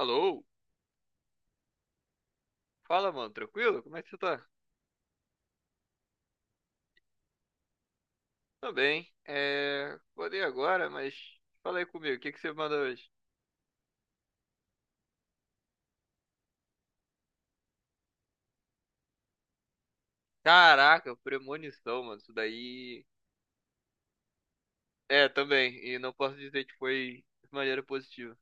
Alô? Fala, mano, tranquilo? Como é que você tá? Tô bem. É. Acordei agora, mas fala aí comigo, o que que você manda hoje? Caraca, premonição, mano, isso daí. É, também, e não posso dizer que foi de maneira positiva.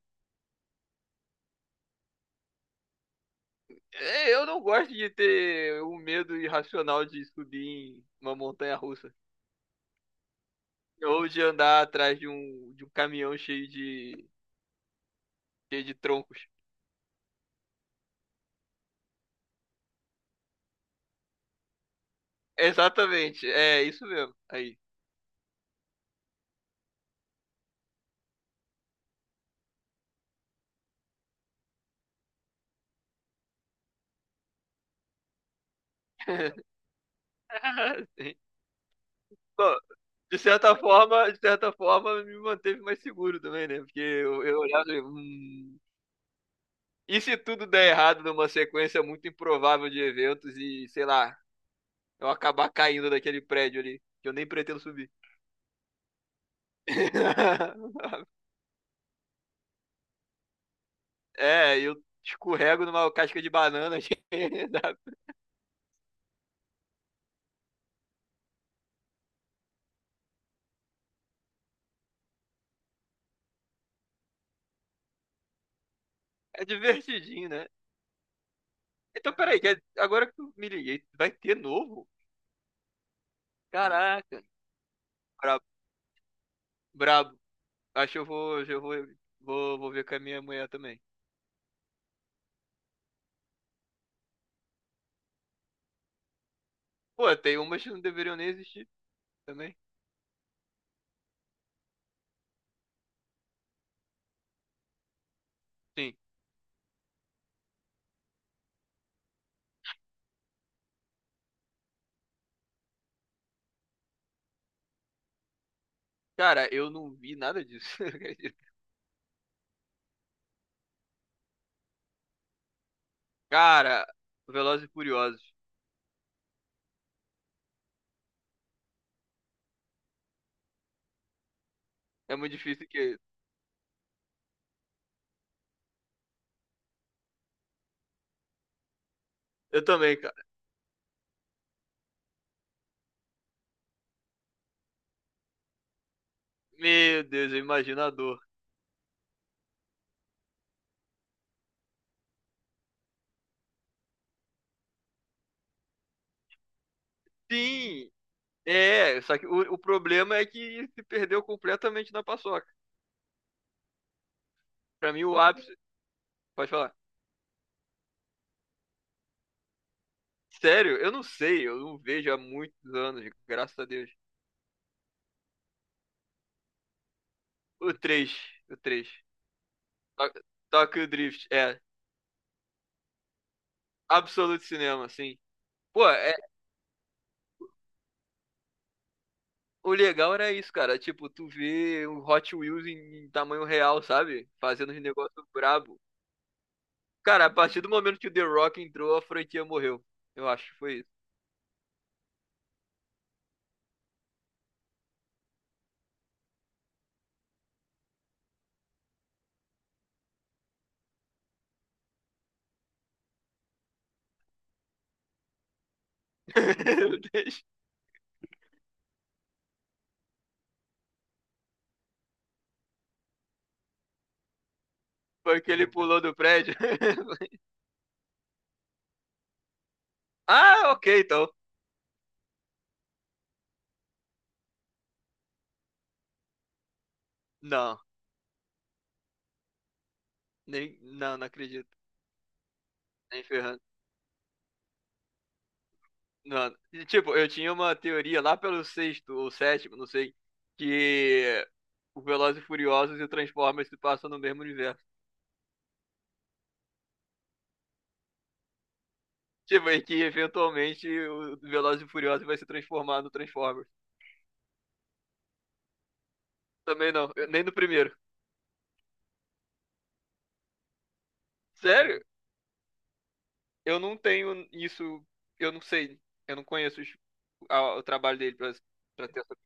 É, eu não gosto de ter um medo irracional de subir em uma montanha russa, ou de andar atrás de um caminhão cheio de troncos. Exatamente, é isso mesmo. Aí. Sim. De certa forma, de certa forma, me manteve mais seguro também, né? Porque eu olhava e e se tudo der errado numa sequência muito improvável de eventos e, sei lá, eu acabar caindo daquele prédio ali, que eu nem pretendo subir. É, eu escorrego numa casca de banana. que dá. É divertidinho, né? Então, peraí, que é, agora que eu me liguei, vai ter novo? Caraca, brabo, brabo. Acho que eu vou ver com a minha mulher também. Pô, tem umas que não deveriam nem existir também. Sim. Cara, eu não vi nada disso. acredito. Cara, Velozes e Furiosos. É muito difícil que. Eu também, cara. Meu Deus, eu imagino a dor. Sim! É, só que o problema é que se perdeu completamente na paçoca. Pra mim, o ápice. Pode falar. Sério, eu não sei, eu não vejo há muitos anos, graças a Deus. O 3, o 3. Tok- Tokyo Drift, é. Absolute Cinema, sim. Pô, é, o legal era isso, cara. Tipo, tu vê o Hot Wheels em tamanho real, sabe? Fazendo os negócios brabo. Cara, a partir do momento que o The Rock entrou, a franquia morreu. Eu acho, foi isso. Foi que ele pulou do prédio. Ah, ok, então. Não, não, não acredito. Nem ferrando. Não. E, tipo, eu tinha uma teoria lá pelo sexto ou sétimo, não sei, que o Velozes e Furiosos e o Transformers se passam no mesmo universo. Tipo, e que eventualmente o Velozes e Furiosos vai se transformar no Transformers. Também não, nem no primeiro. Sério? Eu não tenho isso, eu não sei, eu não conheço o trabalho dele pra, pra ter essa.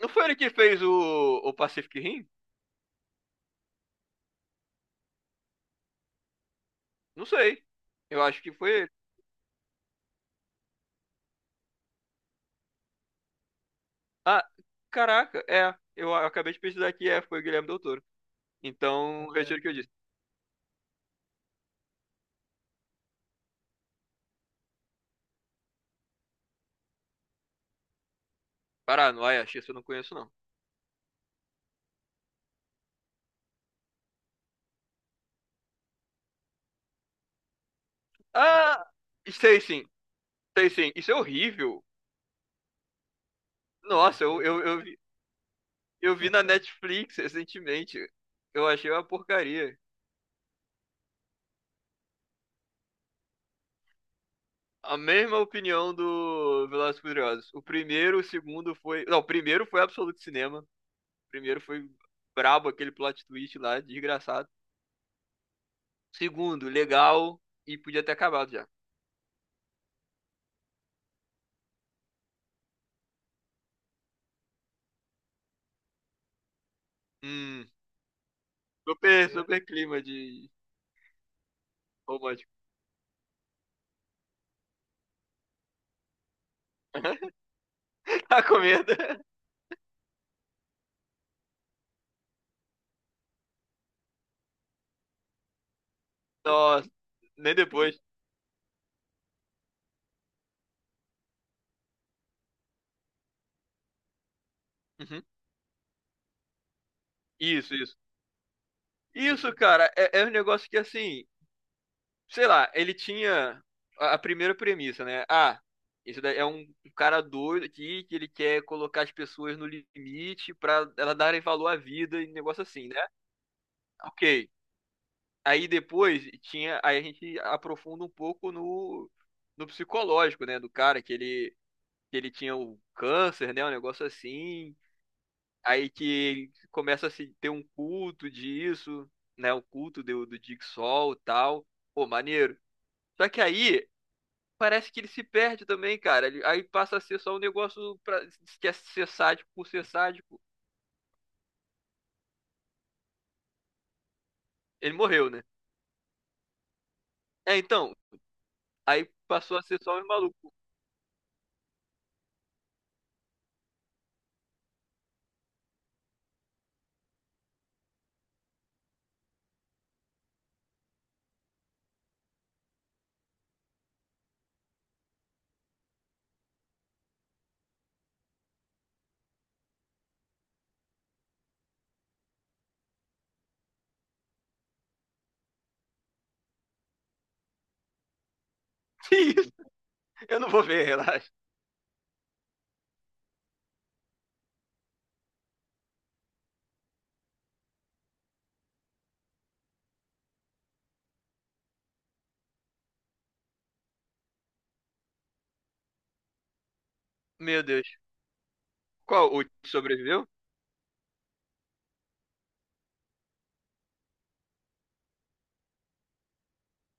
Não foi ele que fez o Pacific Rim? Não sei. Eu acho que foi ele. Ah, caraca, é. Acabei de pesquisar que é, foi o Guilherme Del Toro. Então, retiro o que eu disse. Pará, não, Ayashi, isso eu não conheço não. Ah, sei sim, sei sim. Isso é horrível. Nossa, eu eu vi na Netflix recentemente. Eu achei uma porcaria. A mesma opinião do Velozes e Furiosos. O primeiro, o segundo foi. Não, o primeiro foi absoluto cinema. O primeiro foi brabo, aquele plot twist lá, desgraçado. Segundo, legal e podia ter acabado já. Hum, super, super clima de romântico. A comenda. Nossa, nem depois. Uhum. Isso, isso. Isso, cara, é, é um negócio que assim. Sei lá, ele tinha a primeira premissa, né? Ah, esse daí é um cara doido aqui que ele quer colocar as pessoas no limite pra elas darem valor à vida e negócio assim, né? Ok. Aí depois tinha, aí a gente aprofunda um pouco no, no psicológico, né, do cara que ele tinha o câncer, né, um negócio assim. Aí que ele começa a se ter um culto disso, né, o culto do, do Jigsaw e tal. Pô, maneiro. Só que aí parece que ele se perde também, cara. Aí passa a ser só um negócio pra, que é ser sádico por ser sádico. Ele morreu, né? É, então, aí passou a ser só um maluco. Que isso? Eu não vou ver, relaxa. Meu Deus. Qual? O que sobreviveu?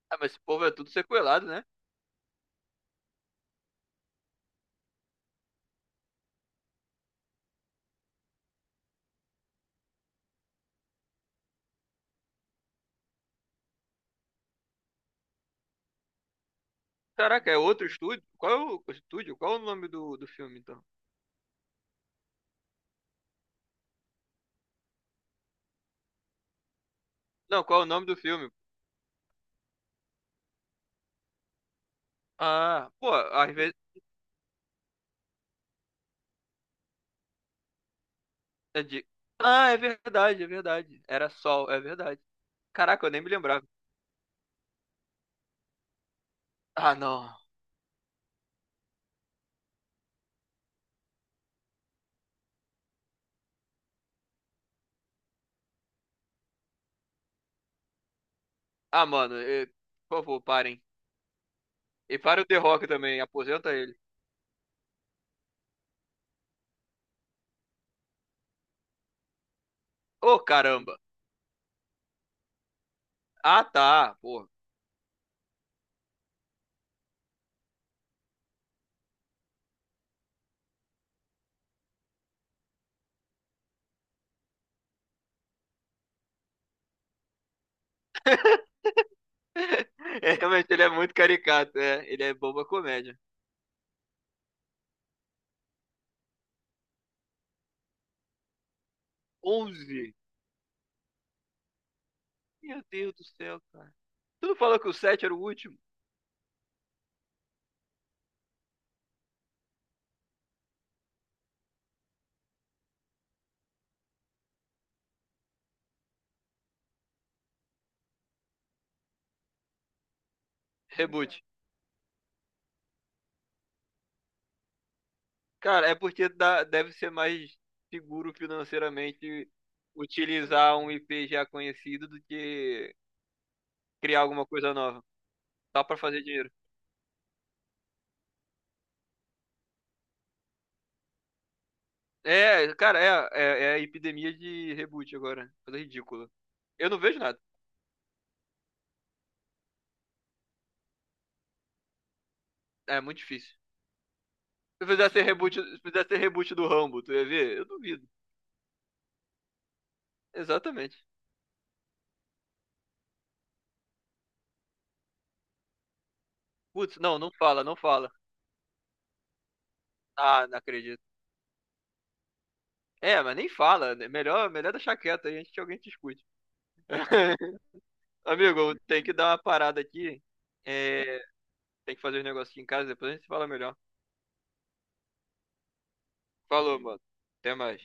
Ah, mas esse povo é tudo sequelado, né? Caraca, é outro estúdio? Qual é o estúdio? Qual é o nome do filme, então? Não, qual é o nome do filme? Ah, pô, às vezes. é de- Ah, é verdade, é verdade. Era Sol, é verdade. Caraca, eu nem me lembrava. Ah, não. Ah, mano, por favor, parem. E para o The Rock também, aposenta ele. Ô, caramba. Ah, tá, porra. É, realmente, ele é muito caricato, é. Ele é boba comédia. 11. Meu Deus do céu, cara. Tu não falou que o 7 era o último? Reboot. Cara, é porque dá- deve ser mais seguro financeiramente utilizar um IP já conhecido do que criar alguma coisa nova. Só pra fazer dinheiro. É, cara, é, é, é a epidemia de reboot agora. Coisa ridícula. Eu não vejo nada. É muito difícil. Se fizesse reboot, se fizesse reboot do Rambo, tu ia ver? Eu duvido. Exatamente. Putz, não, não fala, não fala. Ah, não acredito. É, mas nem fala. Né? Melhor, melhor deixar quieto aí antes que alguém te escute. Amigo, tem que dar uma parada aqui. É, tem que fazer um negócio aqui em casa, depois a gente fala melhor. Falou, mano. Até mais.